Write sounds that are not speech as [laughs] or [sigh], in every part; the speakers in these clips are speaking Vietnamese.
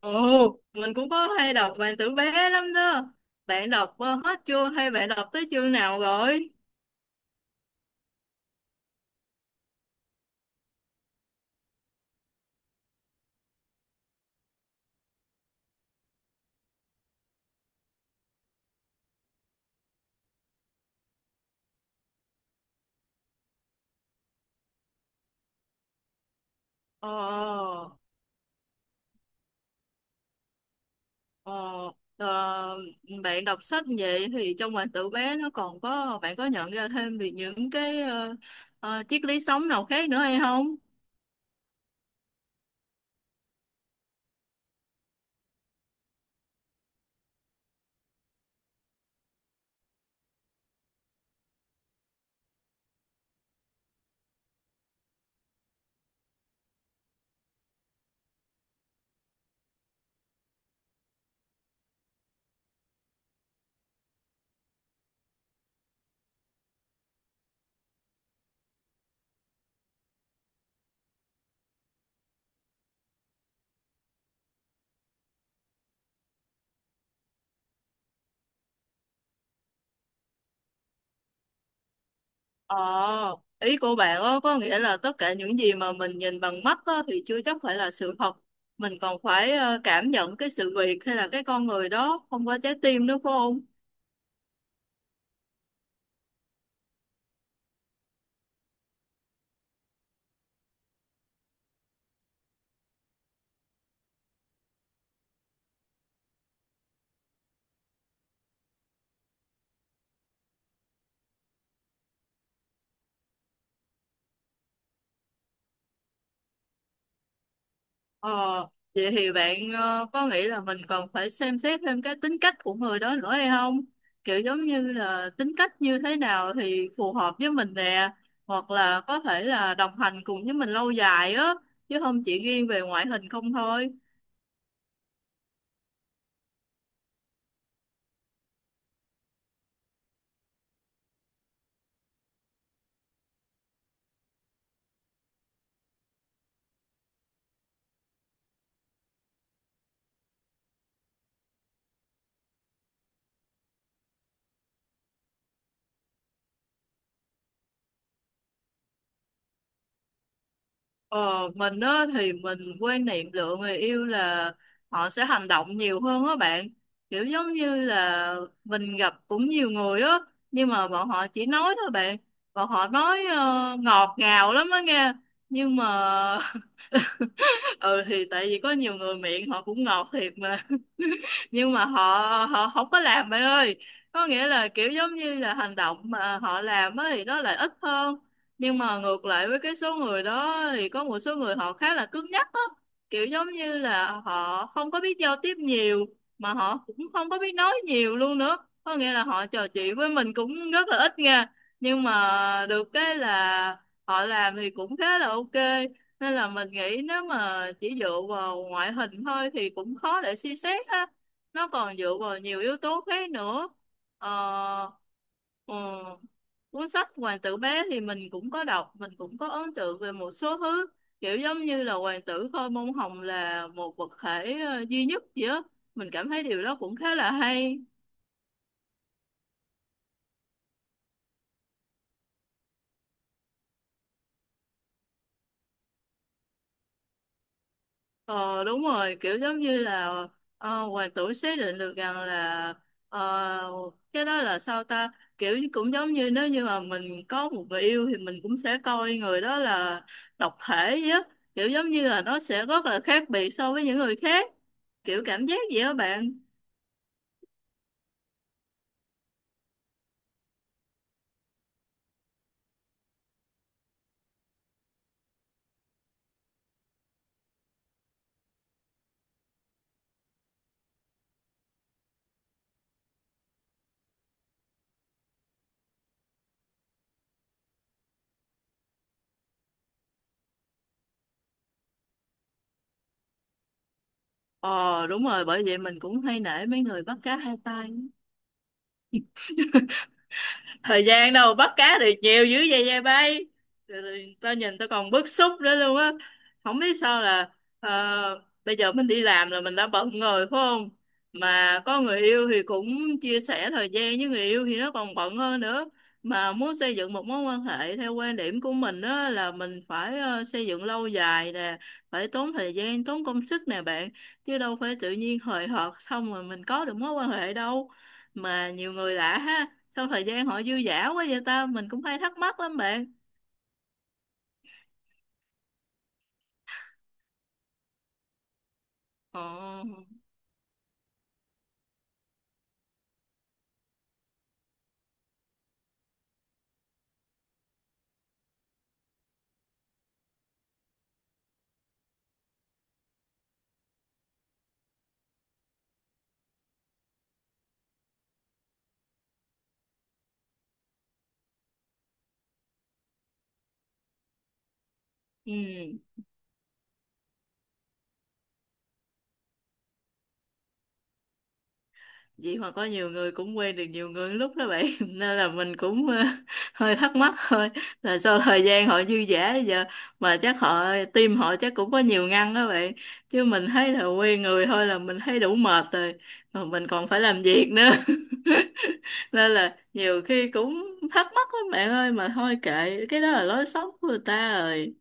Ồ, mình cũng có hay đọc bạn tử bé lắm đó. Bạn đọc hết chưa hay bạn đọc tới chương nào rồi? Ờ, ờ, ờ, Bạn đọc sách vậy thì trong bạn tử bé nó còn có, bạn có nhận ra thêm về những cái triết lý sống nào khác nữa hay không? Ờ, ý của bạn á, có nghĩa là tất cả những gì mà mình nhìn bằng mắt á, thì chưa chắc phải là sự thật. Mình còn phải cảm nhận cái sự việc hay là cái con người đó không có trái tim nữa phải không? Ờ, vậy thì bạn có nghĩ là mình cần phải xem xét thêm cái tính cách của người đó nữa hay không? Kiểu giống như là tính cách như thế nào thì phù hợp với mình nè, hoặc là có thể là đồng hành cùng với mình lâu dài á, chứ không chỉ riêng về ngoại hình không thôi. Ờ, mình á thì mình quan niệm lựa người yêu là họ sẽ hành động nhiều hơn á bạn. Kiểu giống như là mình gặp cũng nhiều người á, nhưng mà bọn họ chỉ nói thôi bạn. Bọn họ nói ngọt ngào lắm á nghe. Nhưng mà [laughs] ừ thì tại vì có nhiều người miệng họ cũng ngọt thiệt mà, nhưng mà họ họ không có làm bạn ơi, có nghĩa là kiểu giống như là hành động mà họ làm á thì nó lại ít hơn. Nhưng mà ngược lại với cái số người đó thì có một số người họ khá là cứng nhắc á, kiểu giống như là họ không có biết giao tiếp nhiều, mà họ cũng không có biết nói nhiều luôn nữa, có nghĩa là họ trò chuyện với mình cũng rất là ít nha. Nhưng mà được cái là họ làm thì cũng khá là ok, nên là mình nghĩ nếu mà chỉ dựa vào ngoại hình thôi thì cũng khó để suy xét ha, nó còn dựa vào nhiều yếu tố khác nữa. ờ, ừ, Cuốn sách Hoàng tử bé thì mình cũng có đọc, mình cũng có ấn tượng về một số thứ, kiểu giống như là hoàng tử coi bông hồng là một vật thể duy nhất gì á. Mình cảm thấy điều đó cũng khá là hay. Ờ đúng rồi, kiểu giống như là hoàng tử xác định được rằng là ờ, cái đó là sao ta, cũng giống như nếu như mà mình có một người yêu thì mình cũng sẽ coi người đó là độc thể vậy á, kiểu giống như là nó sẽ rất là khác biệt so với những người khác. Kiểu cảm giác vậy đó bạn. Ờ đúng rồi, bởi vậy mình cũng hay nể mấy người bắt cá hai tay. Thời gian đâu bắt cá được nhiều dữ vậy dây bay. Rồi, rồi tao nhìn tao còn bức xúc nữa luôn á, không biết sao là bây giờ mình đi làm là mình đã bận rồi phải không? Mà có người yêu thì cũng chia sẻ thời gian với người yêu thì nó còn bận hơn nữa. Mà muốn xây dựng một mối quan hệ theo quan điểm của mình đó là mình phải xây dựng lâu dài nè, phải tốn thời gian tốn công sức nè bạn, chứ đâu phải tự nhiên hời hợt xong rồi mình có được mối quan hệ đâu. Mà nhiều người lạ ha, sau thời gian họ dư dả quá vậy ta, mình cũng hay thắc mắc lắm bạn. ờ ừ Vậy mà có nhiều người cũng quen được nhiều người lúc đó bạn [laughs] nên là mình cũng [laughs] hơi thắc mắc thôi, là sau thời gian họ dư dả bây giờ. Mà chắc họ tim họ chắc cũng có nhiều ngăn đó bạn, chứ mình thấy là quen người thôi là mình thấy đủ mệt rồi, mà mình còn phải làm việc nữa [laughs] nên là nhiều khi cũng thắc mắc lắm bạn ơi, mà thôi kệ cái đó là lối sống của người ta rồi.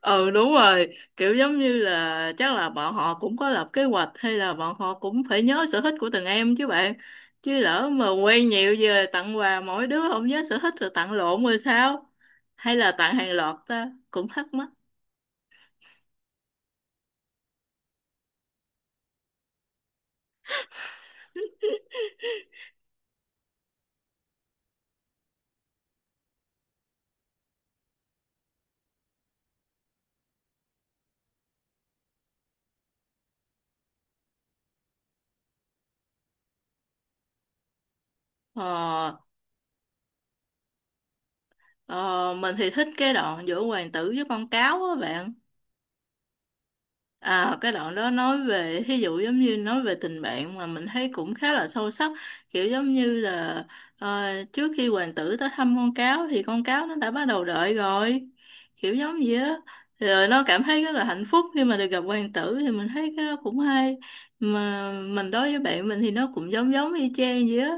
Ừ đúng rồi, kiểu giống như là chắc là bọn họ cũng có lập kế hoạch, hay là bọn họ cũng phải nhớ sở thích của từng em chứ bạn, chứ lỡ mà quen nhiều về tặng quà mỗi đứa không nhớ sở thích rồi tặng lộn rồi sao, hay là tặng hàng loạt ta cũng thắc mắc. ờ, ờ mình thì thích cái đoạn giữa hoàng tử với con cáo á bạn. À, cái đoạn đó nói về ví dụ giống như nói về tình bạn, mà mình thấy cũng khá là sâu sắc, kiểu giống như là ờ, trước khi hoàng tử tới thăm con cáo thì con cáo nó đã bắt đầu đợi rồi, kiểu giống vậy á, rồi nó cảm thấy rất là hạnh phúc khi mà được gặp hoàng tử, thì mình thấy cái đó cũng hay. Mà mình đối với bạn mình thì nó cũng giống giống y chang vậy á.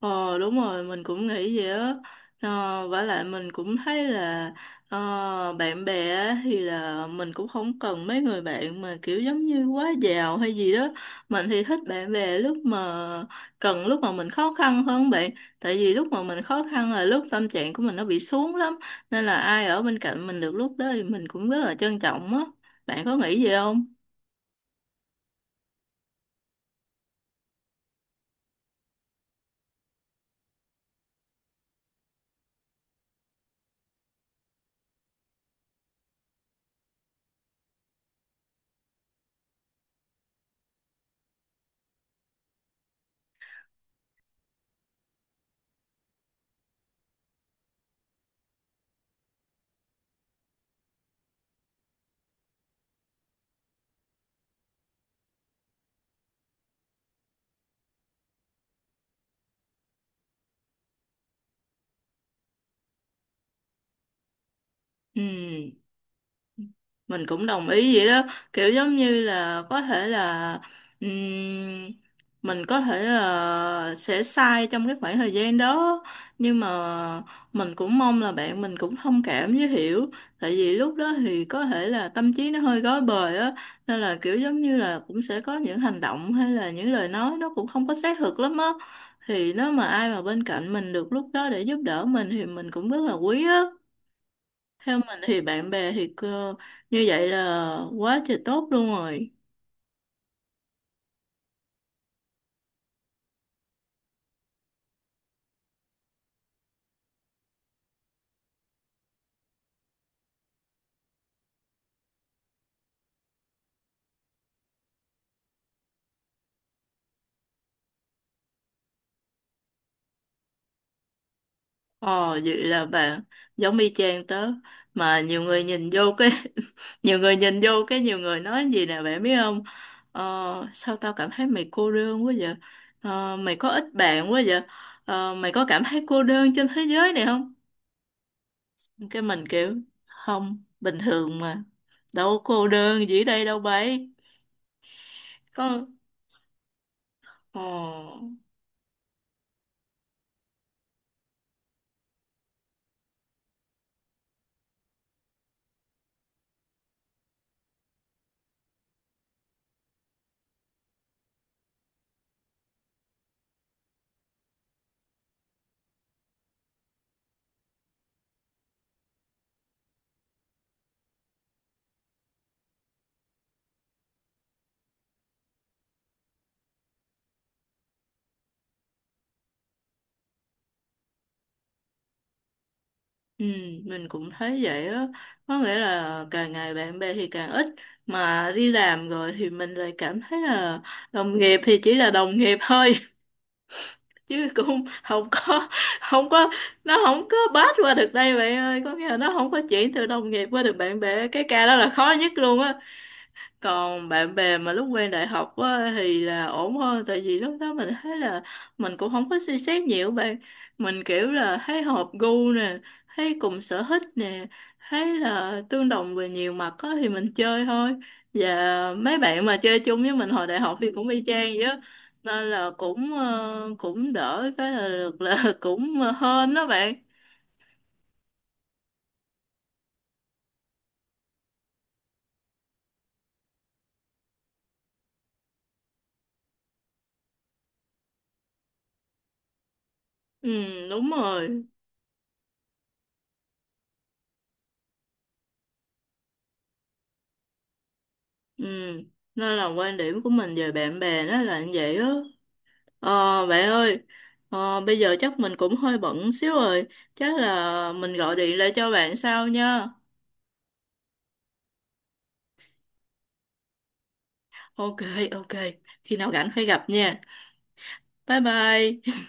Ờ đúng rồi, mình cũng nghĩ vậy á. Vả lại mình cũng thấy là bạn bè á thì là mình cũng không cần mấy người bạn mà kiểu giống như quá giàu hay gì đó. Mình thì thích bạn bè lúc mà cần, lúc mà mình khó khăn hơn bạn, tại vì lúc mà mình khó khăn là lúc tâm trạng của mình nó bị xuống lắm, nên là ai ở bên cạnh mình được lúc đó thì mình cũng rất là trân trọng á. Bạn có nghĩ vậy không? Ừ, mình cũng đồng ý vậy đó, kiểu giống như là có thể là ừm, mình có thể là sẽ sai trong cái khoảng thời gian đó, nhưng mà mình cũng mong là bạn mình cũng thông cảm với hiểu, tại vì lúc đó thì có thể là tâm trí nó hơi rối bời á, nên là kiểu giống như là cũng sẽ có những hành động hay là những lời nói nó cũng không có xác thực lắm á. Thì nếu mà ai mà bên cạnh mình được lúc đó để giúp đỡ mình thì mình cũng rất là quý á. Theo mình thì bạn bè thì cơ, như vậy là quá trời tốt luôn rồi. Ồ vậy là bạn giống y chang tớ. Mà nhiều người nhìn vô cái, [laughs] nhiều người nhìn vô cái, nhiều người nói gì nè bạn biết không? Ờ, sao tao cảm thấy mày cô đơn quá vậy? Ờ, mày có ít bạn quá vậy? Ờ, mày có cảm thấy cô đơn trên thế giới này không? Cái mình kiểu, không, bình thường mà. Đâu có cô đơn gì ở đây đâu bấy. Có, ờ. Ừ, mình cũng thấy vậy á, có nghĩa là càng ngày bạn bè thì càng ít, mà đi làm rồi thì mình lại cảm thấy là đồng nghiệp thì chỉ là đồng nghiệp thôi [laughs] chứ cũng không có, không có, nó không có pass qua được đây bạn ơi, có nghĩa là nó không có chuyển từ đồng nghiệp qua được bạn bè, cái ca đó là khó nhất luôn á. Còn bạn bè mà lúc quen đại học á, thì là ổn hơn, tại vì lúc đó mình thấy là mình cũng không có suy xét nhiều bạn, mình kiểu là thấy hợp gu nè, thấy cùng sở thích nè, thấy là tương đồng về nhiều mặt á, thì mình chơi thôi. Và mấy bạn mà chơi chung với mình hồi đại học thì cũng y chang vậy á, nên là cũng cũng đỡ cái là được là [laughs] cũng hên đó bạn. Ừ đúng rồi, ừ nên là quan điểm của mình về bạn bè nó là như vậy á. Ờ, bạn ơi, bây giờ chắc mình cũng hơi bận xíu rồi, chắc là mình gọi điện lại cho bạn sau nha. Ok, ok, khi nào rảnh phải gặp nha. Bye bye.